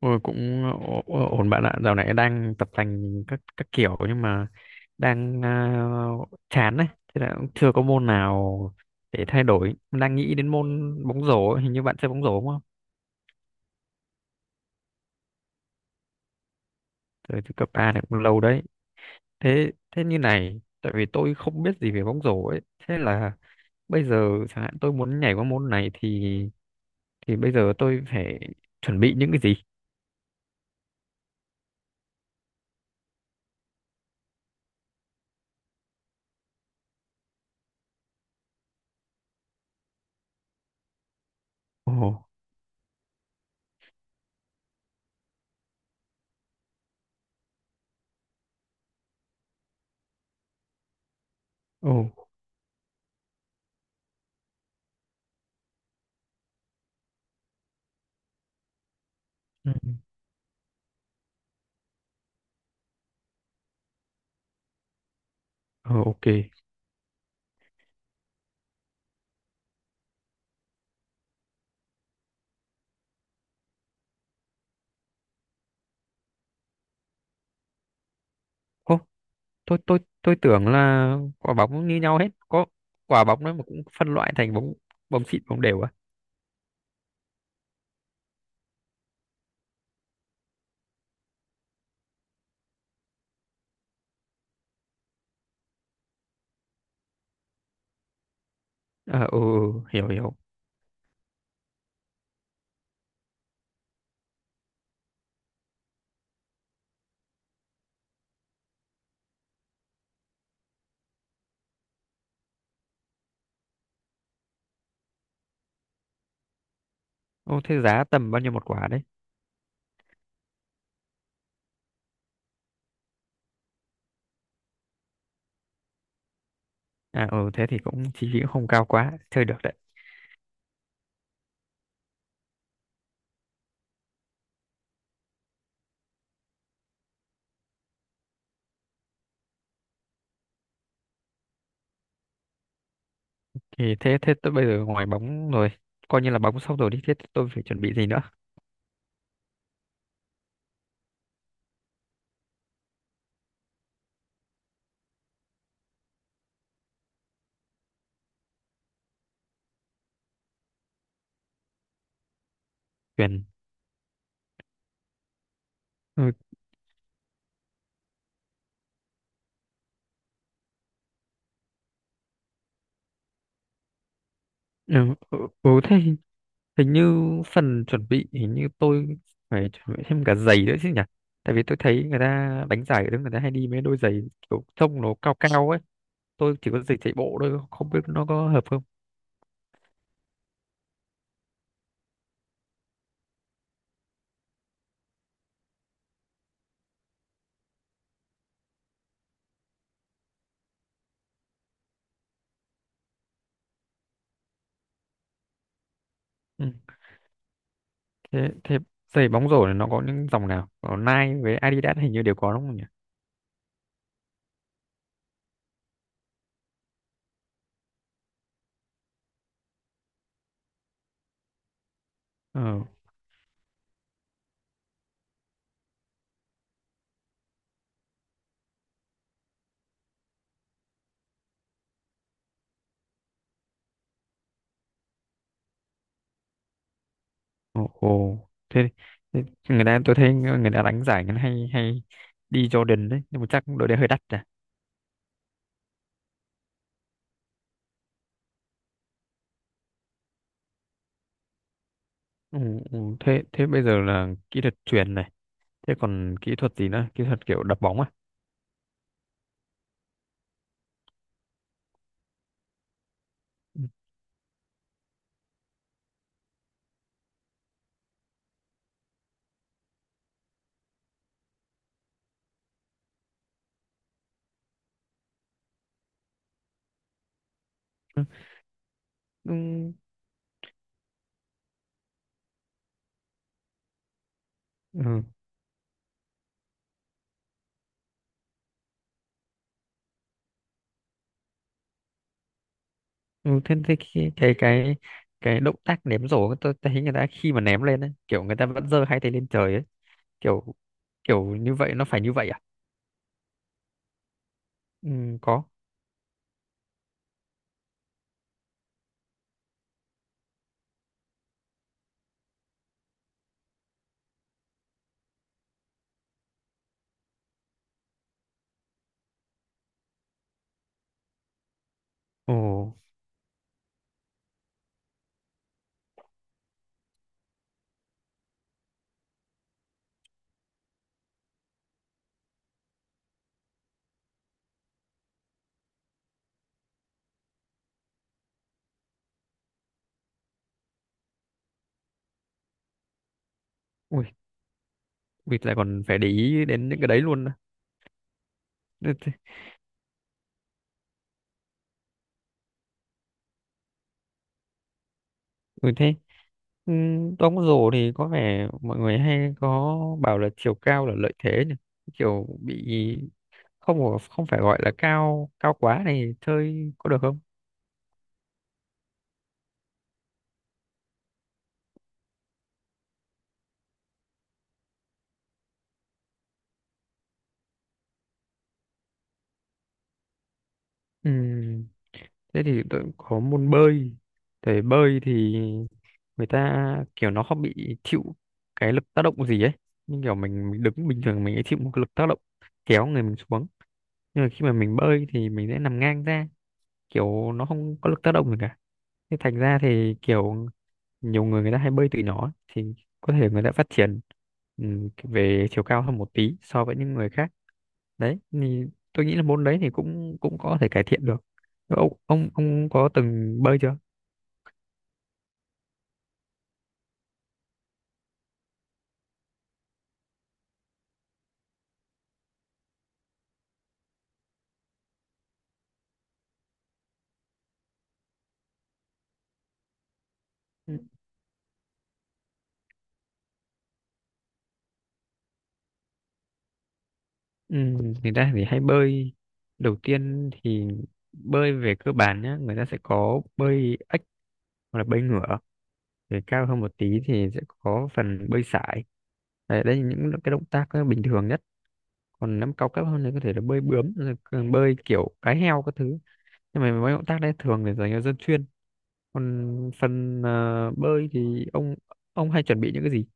Ôi cũng ổn bạn ạ, dạo này đang tập tành các kiểu nhưng mà đang chán đấy, thế là cũng chưa có môn nào để thay đổi. Đang nghĩ đến môn bóng rổ, ấy, hình như bạn chơi bóng rổ đúng không? Từ, từ cấp A này cũng lâu đấy. Thế thế như này, tại vì tôi không biết gì về bóng rổ ấy, thế là bây giờ chẳng hạn tôi muốn nhảy qua môn này thì bây giờ tôi phải chuẩn bị những cái gì? Ồ, ồ, ừ, ừ, ok. Tôi tưởng là quả bóng cũng như nhau hết, có quả bóng đó mà cũng phân loại thành bóng bóng xịn bóng đều à. Ờ, ừ, ừ, hiểu hiểu. Ô thế giá tầm bao nhiêu một quả đấy? À ừ thế thì cũng chi phí cũng không cao quá, chơi được đấy. Thì thế thế tôi bây giờ ngoài bóng rồi, coi như là bóng xong rồi đi, thế tôi phải chuẩn bị gì nữa? Quyền. Ừ, ừ, ừ, ừ, thế hình hình như phần chuẩn bị hình như tôi phải chuẩn bị thêm cả giày nữa chứ nhỉ, tại vì tôi thấy người ta đánh giải ở đấy người ta hay đi mấy đôi giày kiểu trông nó cao cao ấy, tôi chỉ có giày chạy bộ thôi không biết nó có hợp không. Ừ. thế thế giày bóng rổ này nó có những dòng nào, có Nike với Adidas hình như đều có đúng không nhỉ? Ờ. Ồ, ồ. Thế, thế, người ta tôi thấy người ta đánh giải người hay hay đi Jordan đấy nhưng mà chắc đội đấy hơi đắt à? Ừ, ừ. thế thế bây giờ là kỹ thuật chuyền này, thế còn kỹ thuật gì nữa, kỹ thuật kiểu đập bóng à? Ừ. Ừ. Ừ. Ừ. Thế, cái động tác ném rổ tôi thấy người ta khi mà ném lên ấy, kiểu người ta vẫn giơ hai tay lên trời ấy, kiểu kiểu như vậy, nó phải như vậy à? Ừ, có. Ồ. Ui, ui lại còn phải để ý đến những cái đấy luôn à. Ừ, thế. Ừ, thế. Ừ, đóng rổ thì có vẻ mọi người hay có bảo là chiều cao là lợi thế nhỉ, kiểu bị không có- không phải gọi là cao cao quá này chơi có được không? Ừ, thế thì tôi có môn bơi, thể bơi thì người ta kiểu nó không bị chịu cái lực tác động gì ấy, nhưng kiểu mình đứng bình thường mình ấy chịu một cái lực tác động kéo người mình xuống, nhưng mà khi mà mình bơi thì mình sẽ nằm ngang ra, kiểu nó không có lực tác động gì cả, thế thành ra thì kiểu nhiều người người ta hay bơi từ nhỏ ấy, thì có thể người ta phát triển về chiều cao hơn một tí so với những người khác, đấy thì tôi nghĩ là môn đấy thì cũng cũng có thể cải thiện được. Ông có từng bơi chưa? Ừ, người ta thì hay bơi, đầu tiên thì bơi về cơ bản nhá, người ta sẽ có bơi ếch hoặc là bơi ngửa, để cao hơn một tí thì sẽ có phần bơi sải, đấy, đây là những cái động tác ờ, bình thường nhất, còn năm cao cấp hơn thì có thể là bơi bướm rồi còn bơi kiểu cá heo các thứ, nhưng mà mấy động tác đấy thường để dành cho dân chuyên. Còn phần ờ, bơi thì ông hay chuẩn bị những cái gì?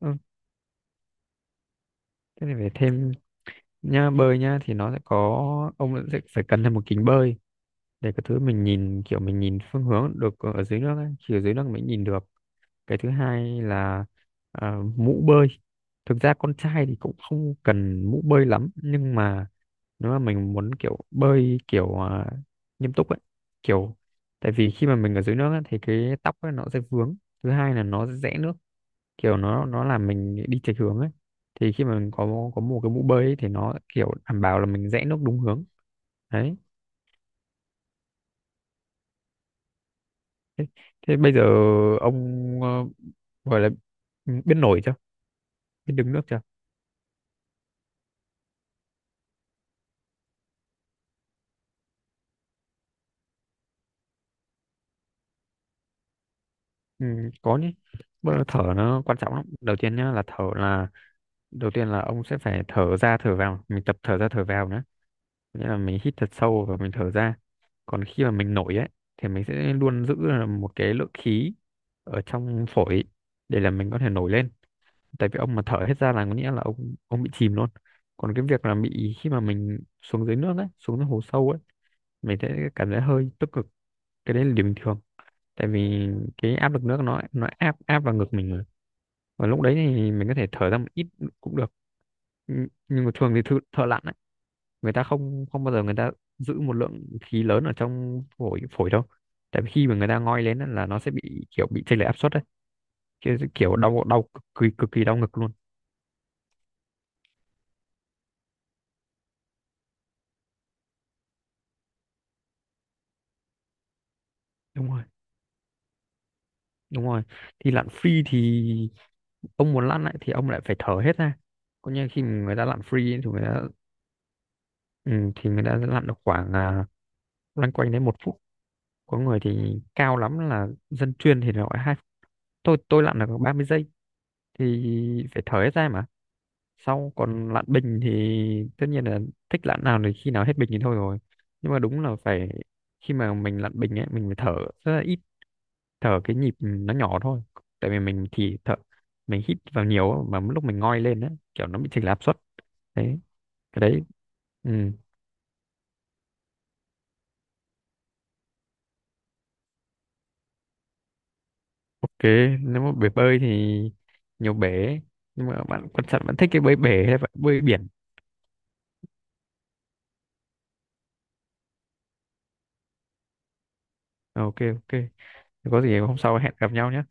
Ừ, thế này phải thêm nha, bơi nha thì nó sẽ có, ông sẽ phải cần thêm một kính bơi để cái thứ mình nhìn kiểu mình nhìn phương hướng được ở dưới nước ấy. Chỉ ở dưới nước mới nhìn được. Cái thứ hai là à, mũ bơi. Thực ra con trai thì cũng không cần mũ bơi lắm nhưng mà nếu mà mình muốn kiểu bơi kiểu à, nghiêm túc ấy, kiểu tại vì khi mà mình ở dưới nước ấy, thì cái tóc ấy nó sẽ vướng, thứ hai là nó sẽ rẽ nước, kiểu nó làm mình đi chệch hướng ấy, thì khi mà mình có một cái mũ bơi ấy, thì nó kiểu đảm bảo là mình rẽ nước đúng hướng. Đấy. Thế bây giờ ông ờ, gọi là ừ, biết nổi chưa? Biết đứng nước chưa? Ừ, có nhé. Bây giờ thở nó quan trọng lắm. Đầu tiên nhá là thở là, đầu tiên là ông sẽ phải thở ra thở vào, mình tập thở ra thở vào nữa. Nghĩa là mình hít thật sâu và mình thở ra. Còn khi mà mình nổi ấy thì mình sẽ luôn giữ là một cái lượng khí ở trong phổi để là mình có thể nổi lên. Tại vì ông mà thở hết ra là có nghĩa là ông bị chìm luôn. Còn cái việc là bị khi mà mình xuống dưới nước ấy, xuống dưới hồ sâu ấy, mình thấy cảm thấy hơi tức cực, cái đấy là điều bình thường, tại vì cái áp lực nước nó áp áp vào ngực mình rồi, và lúc đấy thì mình có thể thở ra một ít cũng được. Nhưng mà thường thì thợ lặn ấy, người ta không không bao giờ người ta giữ một lượng khí lớn ở trong phổi phổi đâu, tại vì khi mà người ta ngoi lên á, là nó sẽ bị kiểu bị chênh lệch áp suất đấy, kiểu, kiểu đau đau cực kỳ đau ngực luôn. Đúng rồi, đúng rồi, thì lặn free thì ông muốn lặn lại thì ông lại phải thở hết ra. Còn như khi mà người ta lặn free ấy, thì người ta, ừ, thì mình đã lặn được khoảng à, loanh quanh đến 1 phút, có người thì cao lắm là dân chuyên thì gọi 2 phút. Tôi lặn được 30 giây thì phải thở hết ra mà. Sau còn lặn bình thì tất nhiên là thích lặn nào thì khi nào hết bình thì thôi rồi, nhưng mà đúng là phải khi mà mình lặn bình ấy mình phải thở rất là ít, thở cái nhịp nó nhỏ thôi, tại vì mình thì thở, mình hít vào nhiều á, mà lúc mình ngoi lên á kiểu nó bị chệch áp suất đấy, cái đấy. Ừ. Ok, nếu mà bể bơi thì nhiều bể, nhưng mà bạn quan trọng bạn thích cái bơi bể hay bạn bơi biển? Ờ, ok ok. Thế có gì hôm sau hẹn gặp nhau nhé.